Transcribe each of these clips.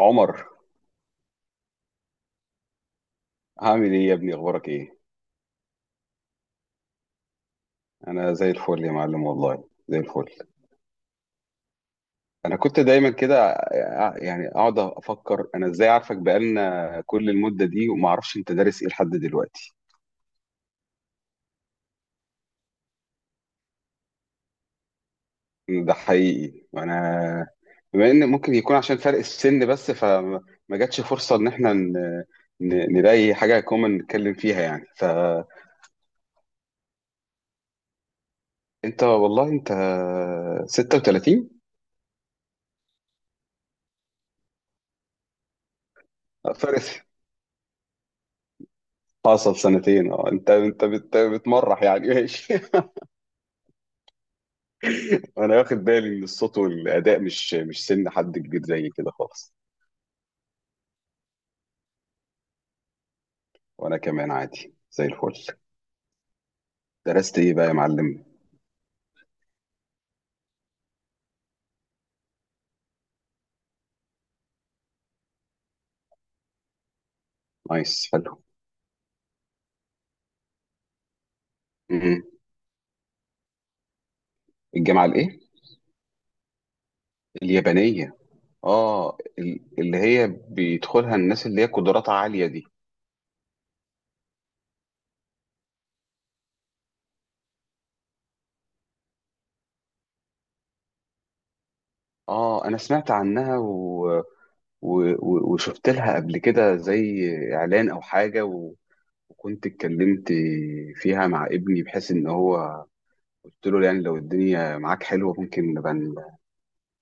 عمر، هعمل ايه يا ابني؟ اخبارك ايه؟ انا زي الفل يا معلم، والله زي الفل. انا كنت دايما كده. يعني اقعد افكر انا ازاي عارفك بقالنا كل المدة دي وما اعرفش انت دارس ايه لحد دلوقتي. ده حقيقي، وانا بما ان ممكن يكون عشان فرق السن بس، فما ما جاتش فرصة ان احنا نلاقي حاجة كومن نتكلم فيها يعني، فانت والله انت 36. فرق، حصل سنتين. اه انت بتمرح يعني، ماشي. انا واخد بالي ان الصوت والاداء مش سن حد كبير زي كده خالص. وانا كمان عادي زي الفل. درست ايه بقى يا معلم؟ نايس، حلو. م-م. الجامعه الايه؟ اليابانيه. اه اللي هي بيدخلها الناس اللي هي قدراتها عاليه دي؟ اه انا سمعت عنها وشفت لها قبل كده، زي اعلان او حاجه، وكنت اتكلمت فيها مع ابني، بحيث ان هو قلت له يعني لو الدنيا معاك حلوه ممكن نبقى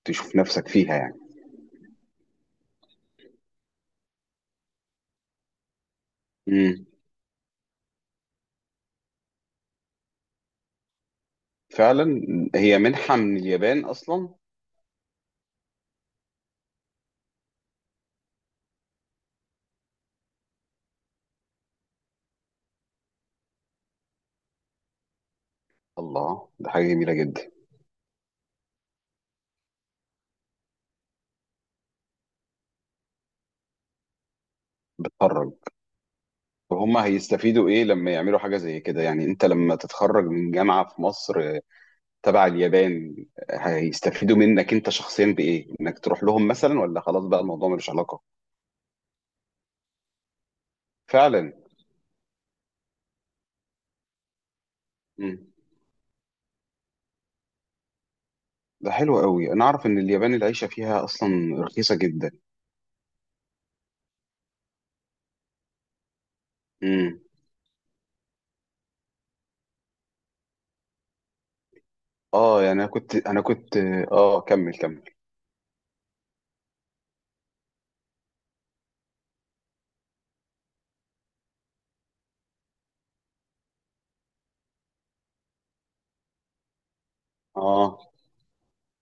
تشوف نفسك فيها يعني. امم. فعلا. هي منحة من اليابان أصلا؟ الله، ده حاجة جميلة جدا. بتخرج؟ وهم هيستفيدوا إيه لما يعملوا حاجة زي كده يعني؟ أنت لما تتخرج من جامعة في مصر تبع اليابان، هيستفيدوا منك أنت شخصيا بإيه؟ إنك تروح لهم مثلا، ولا خلاص بقى الموضوع ملوش علاقة؟ فعلا. امم. ده حلو قوي. أنا أعرف إن اليابان العيشة فيها أصلا رخيصة جدا. امم. اه يعني، أنا كنت أنا كنت اه كمل، كمل. اه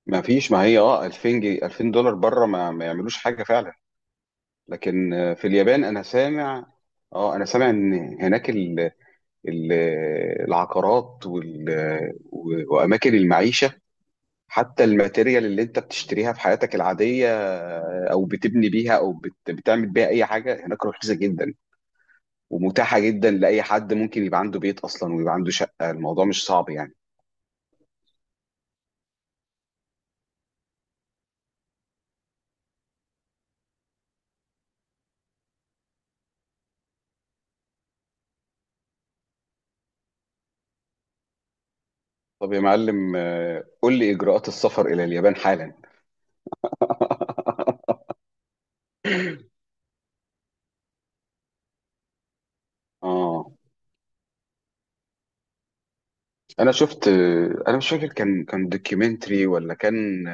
ما فيش، ما هي 2000 جنيه. 2000 دولار بره ما يعملوش حاجه فعلا. لكن في اليابان انا سامع ان هناك ال العقارات، واماكن المعيشه، حتى الماتيريال اللي انت بتشتريها في حياتك العاديه، او بتبني بيها او بتعمل بيها اي حاجه، هناك رخيصه جدا. ومتاحه جدا، لاي حد ممكن يبقى عنده بيت اصلا ويبقى عنده شقه. الموضوع مش صعب يعني. طب يا معلم، قول لي اجراءات السفر الى اليابان حالا. اه انا شفت، انا مش فاكر كان دوكيومنتري ولا كان،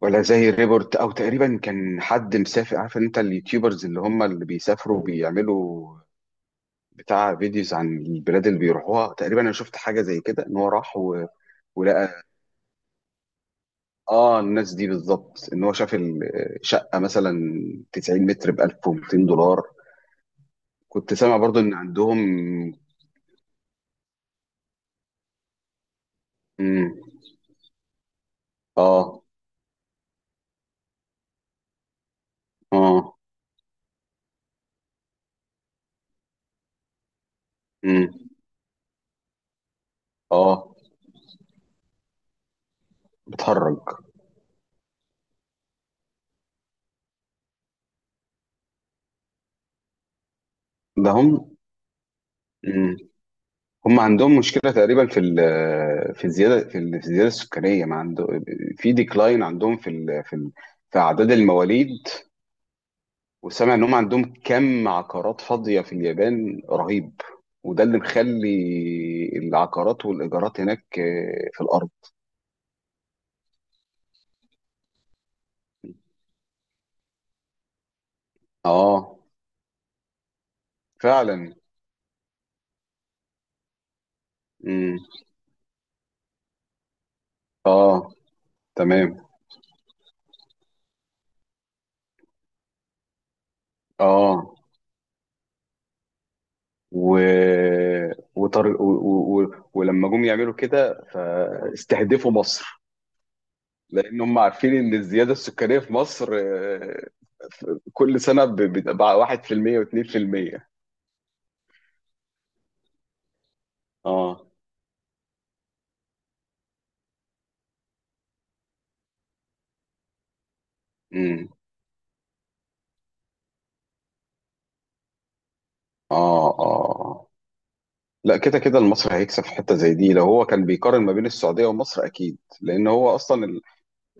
ولا زي ريبورت، او تقريبا كان حد مسافر. عارف انت اليوتيوبرز اللي هم اللي بيسافروا بيعملوا بتاع فيديوز عن البلاد اللي بيروحوها؟ تقريبا انا شفت حاجه زي كده، ان هو راح ولقى، اه الناس دي بالظبط، ان هو شاف الشقه مثلا 90 متر ب 1200 دولار. كنت سامع برضو ان عندهم. مم. اه. اه. مم. اه. بتهرج؟ ده هم عندهم مشكلة تقريبا في الزيادة، في الزيادة السكانية. ما عنده في ديكلاين عندهم في أعداد المواليد. وسامع إن هم عندهم كم عقارات فاضية في اليابان رهيب. وده اللي مخلي العقارات والإيجارات هناك، في الأرض. آه. فعلا. مم. آه. تمام. آه و... وطر... و... و... و... ولما جم يعملوا كده فاستهدفوا مصر. لان هم عارفين ان الزياده السكانيه في مصر، كل سنه بتبقى 1% و2%. اه. امم. اه، اه، لا، كده كده المصري هيكسب في حته زي دي، لو هو كان بيقارن ما بين السعوديه ومصر اكيد. لان هو اصلا ال-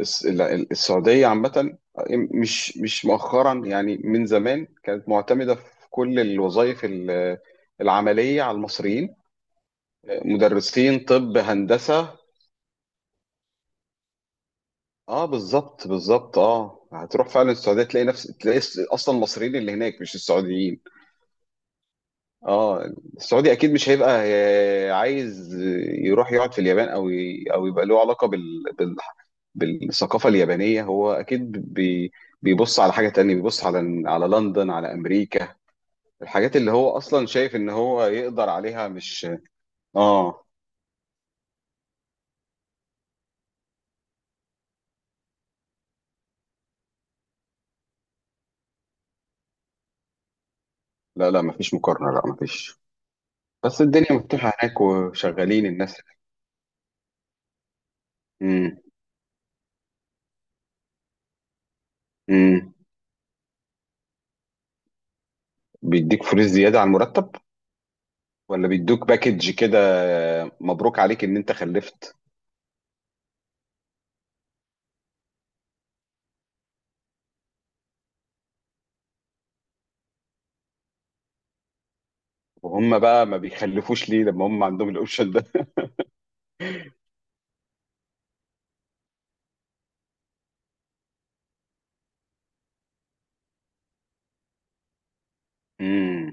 السعوديه عامه مش مؤخرا يعني، من زمان كانت معتمده في كل الوظائف العمليه على المصريين. مدرسين، طب، هندسه. اه، بالظبط، بالظبط، اه هتروح فعلا السعوديه تلاقي نفس، تلاقي اصلا المصريين اللي هناك، مش السعوديين. اه. السعودي اكيد مش هيبقى عايز يروح يقعد في اليابان، او او يبقى له علاقه بالثقافه اليابانيه. هو اكيد بيبص على حاجه تانية، بيبص على لندن، على امريكا. الحاجات اللي هو اصلا شايف ان هو يقدر عليها، مش. اه، لا، لا مفيش مقارنه، لا مفيش. بس الدنيا مفتوحه هناك وشغالين الناس. امم. بيديك فلوس زيادة على المرتب؟ ولا بيدوك باكج كده، مبروك عليك ان انت خلفت؟ وهم بقى ما بيخلفوش ليه لما هم عندهم الاوبشن ده؟ امم.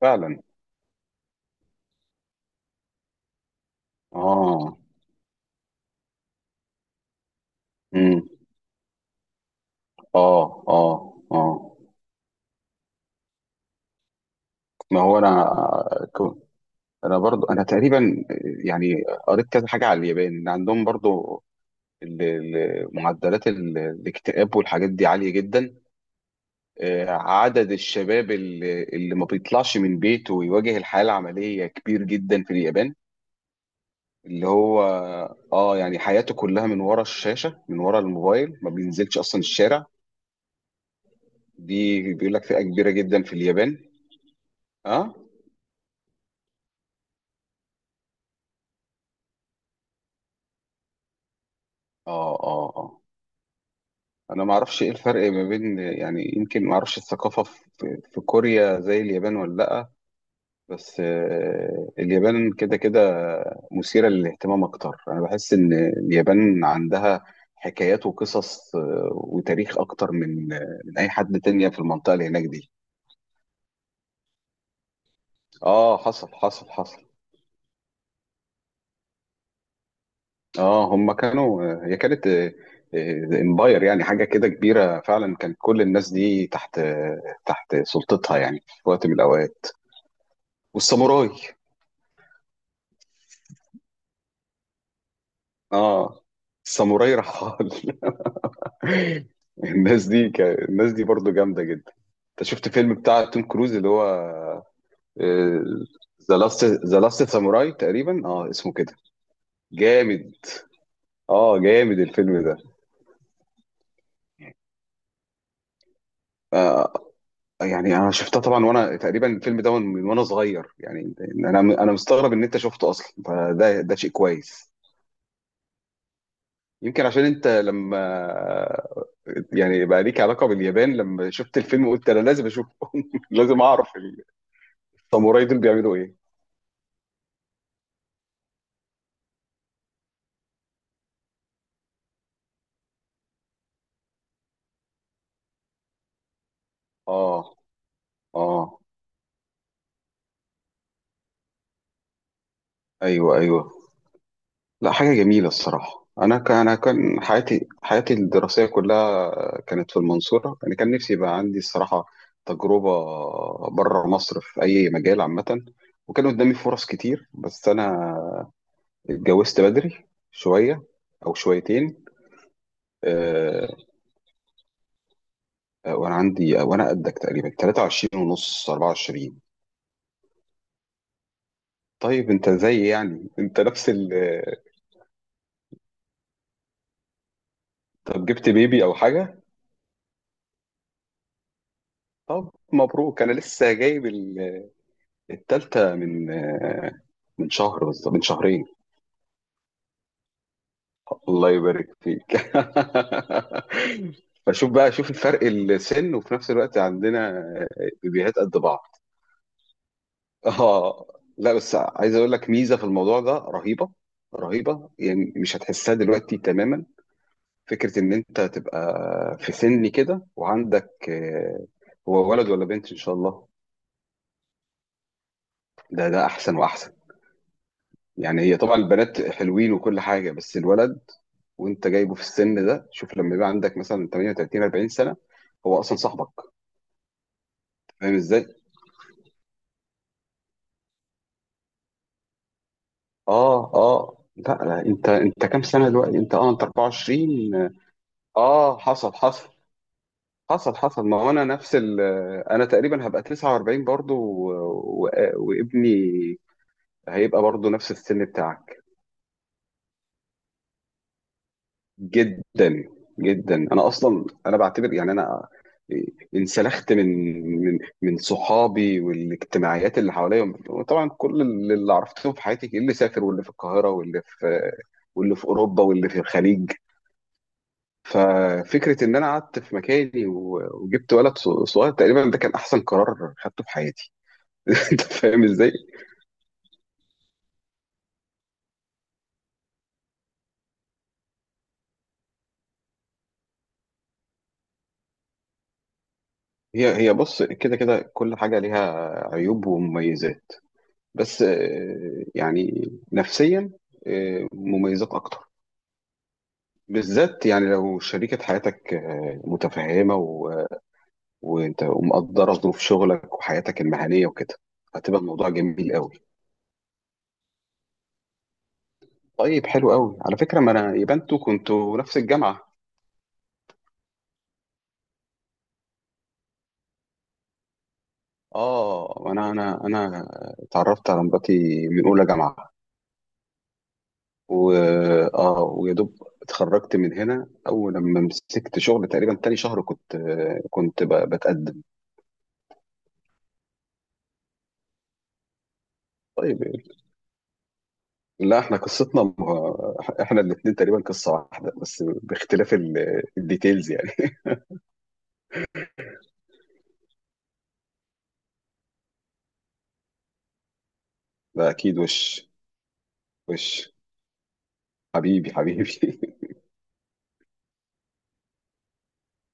فعلا. اه. امم. اه، اه. اه. ما هو انا، كو- انا برضو تقريبا يعني قريت كذا حاجة على اليابان، ان عندهم برضو معدلات الاكتئاب والحاجات دي عالية جدا. عدد الشباب اللي ما بيطلعش من بيته ويواجه الحياة العملية كبير جدا في اليابان. اللي هو، اه يعني حياته كلها من ورا الشاشة، من ورا الموبايل، ما بينزلش أصلا الشارع. دي بيقول لك فئة كبيرة جدا في اليابان. اه، اه، اه، اه. انا ما اعرفش ايه الفرق ما بين، يعني يمكن ما اعرفش الثقافة في كوريا زي اليابان ولا لا. بس اليابان كده كده مثيرة للاهتمام أكتر. أنا بحس إن اليابان عندها حكايات وقصص، وتاريخ أكتر من أي حد تاني في المنطقة اللي هناك دي. آه، حصل، حصل، حصل. هم كانوا آه، هي كانت امباير يعني، حاجة كده كبيرة، فعلا كانت كل الناس دي تحت، تحت سلطتها يعني في وقت من الأوقات. والساموراي. آه الساموراي رحال. الناس دي برضو جامدة جدا. انت شفت فيلم بتاع توم كروز اللي هو ذا لاست ساموراي تقريبا، اسمه كده؟ جامد. اه، جامد الفيلم ده. آه يعني انا شفتها طبعا، وانا تقريبا الفيلم ده من وانا صغير يعني. انا مستغرب ان انت شفته اصلا، فده شيء كويس. يمكن عشان انت لما، يعني بقى ليك علاقه باليابان، لما شفت الفيلم قلت انا لازم اشوفه. لازم اعرف. الساموراي دول بيعملوا ايه؟ اه، اه. ايوه، ايوه. لا، حاجه جميله الصراحه. انا كان حياتي الدراسيه كلها كانت في المنصوره. انا كان نفسي يبقى عندي الصراحه تجربه بره مصر في اي مجال عامه. وكان قدامي فرص كتير، بس انا اتجوزت بدري شويه، او شويتين. آه وانا قدك تقريبا، 23 ونص، 24. طيب، انت زي يعني انت نفس ال. طب جبت بيبي او حاجه؟ طب مبروك، انا لسه جايب التالتة من شهر بالظبط، من شهرين. الله يبارك فيك. فشوف بقى، شوف الفرق السن، وفي نفس الوقت عندنا بيبيهات قد بعض. اه. لا بس عايز اقول لك ميزة في الموضوع ده رهيبة، رهيبة يعني مش هتحسها دلوقتي تماما. فكرة ان انت تبقى في سن كده وعندك، هو ولد ولا بنت ان شاء الله؟ ده احسن واحسن. يعني هي طبعا البنات حلوين وكل حاجه، بس الولد وانت جايبه في السن ده، شوف لما يبقى عندك مثلا 38، 40 سنه، هو اصلا صاحبك. فاهم ازاي؟ اه، اه، لا، لا، انت كام سنه دلوقتي؟ انت 24. اه، حصل، حصل، حصل، حصل. ما هو انا نفس ال، انا تقريبا هبقى 49 برضو، وابني هيبقى برضو نفس السن بتاعك. جدا، جدا. انا اصلا، انا بعتبر يعني انا انسلخت من صحابي والاجتماعيات اللي حواليا. طبعا كل اللي عرفتهم في حياتي، اللي سافر واللي في القاهره واللي في اوروبا واللي في الخليج. ففكره ان انا قعدت في مكاني، وجبت ولد صغير تقريبا، ده كان احسن قرار خدته في حياتي. انت فاهم ازاي؟ هي بص، كده كده كل حاجه ليها عيوب ومميزات. بس يعني نفسيا، مميزات اكتر. بالذات يعني، لو شريكة حياتك متفهمة وانت، ومقدرة ظروف شغلك وحياتك المهنية وكده، هتبقى الموضوع جميل قوي. طيب، حلو قوي. على فكرة، ما انا يبقى انتوا كنتوا نفس الجامعة. اه، انا اتعرفت على مراتي من اولى جامعة. و اه ويا دوب اتخرجت من هنا. اول لما مسكت شغل، تقريبا تاني شهر كنت بتقدم. طيب. لا، احنا قصتنا ما... احنا الاثنين تقريبا قصة واحدة، بس باختلاف الديتيلز يعني. ده اكيد، وش، وش، حبيبي، حبيبي.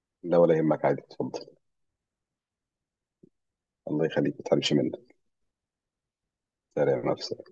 لا، ولا يهمك، عادي، اتفضل. الله يخليك، ما تحرمش منك. سلام.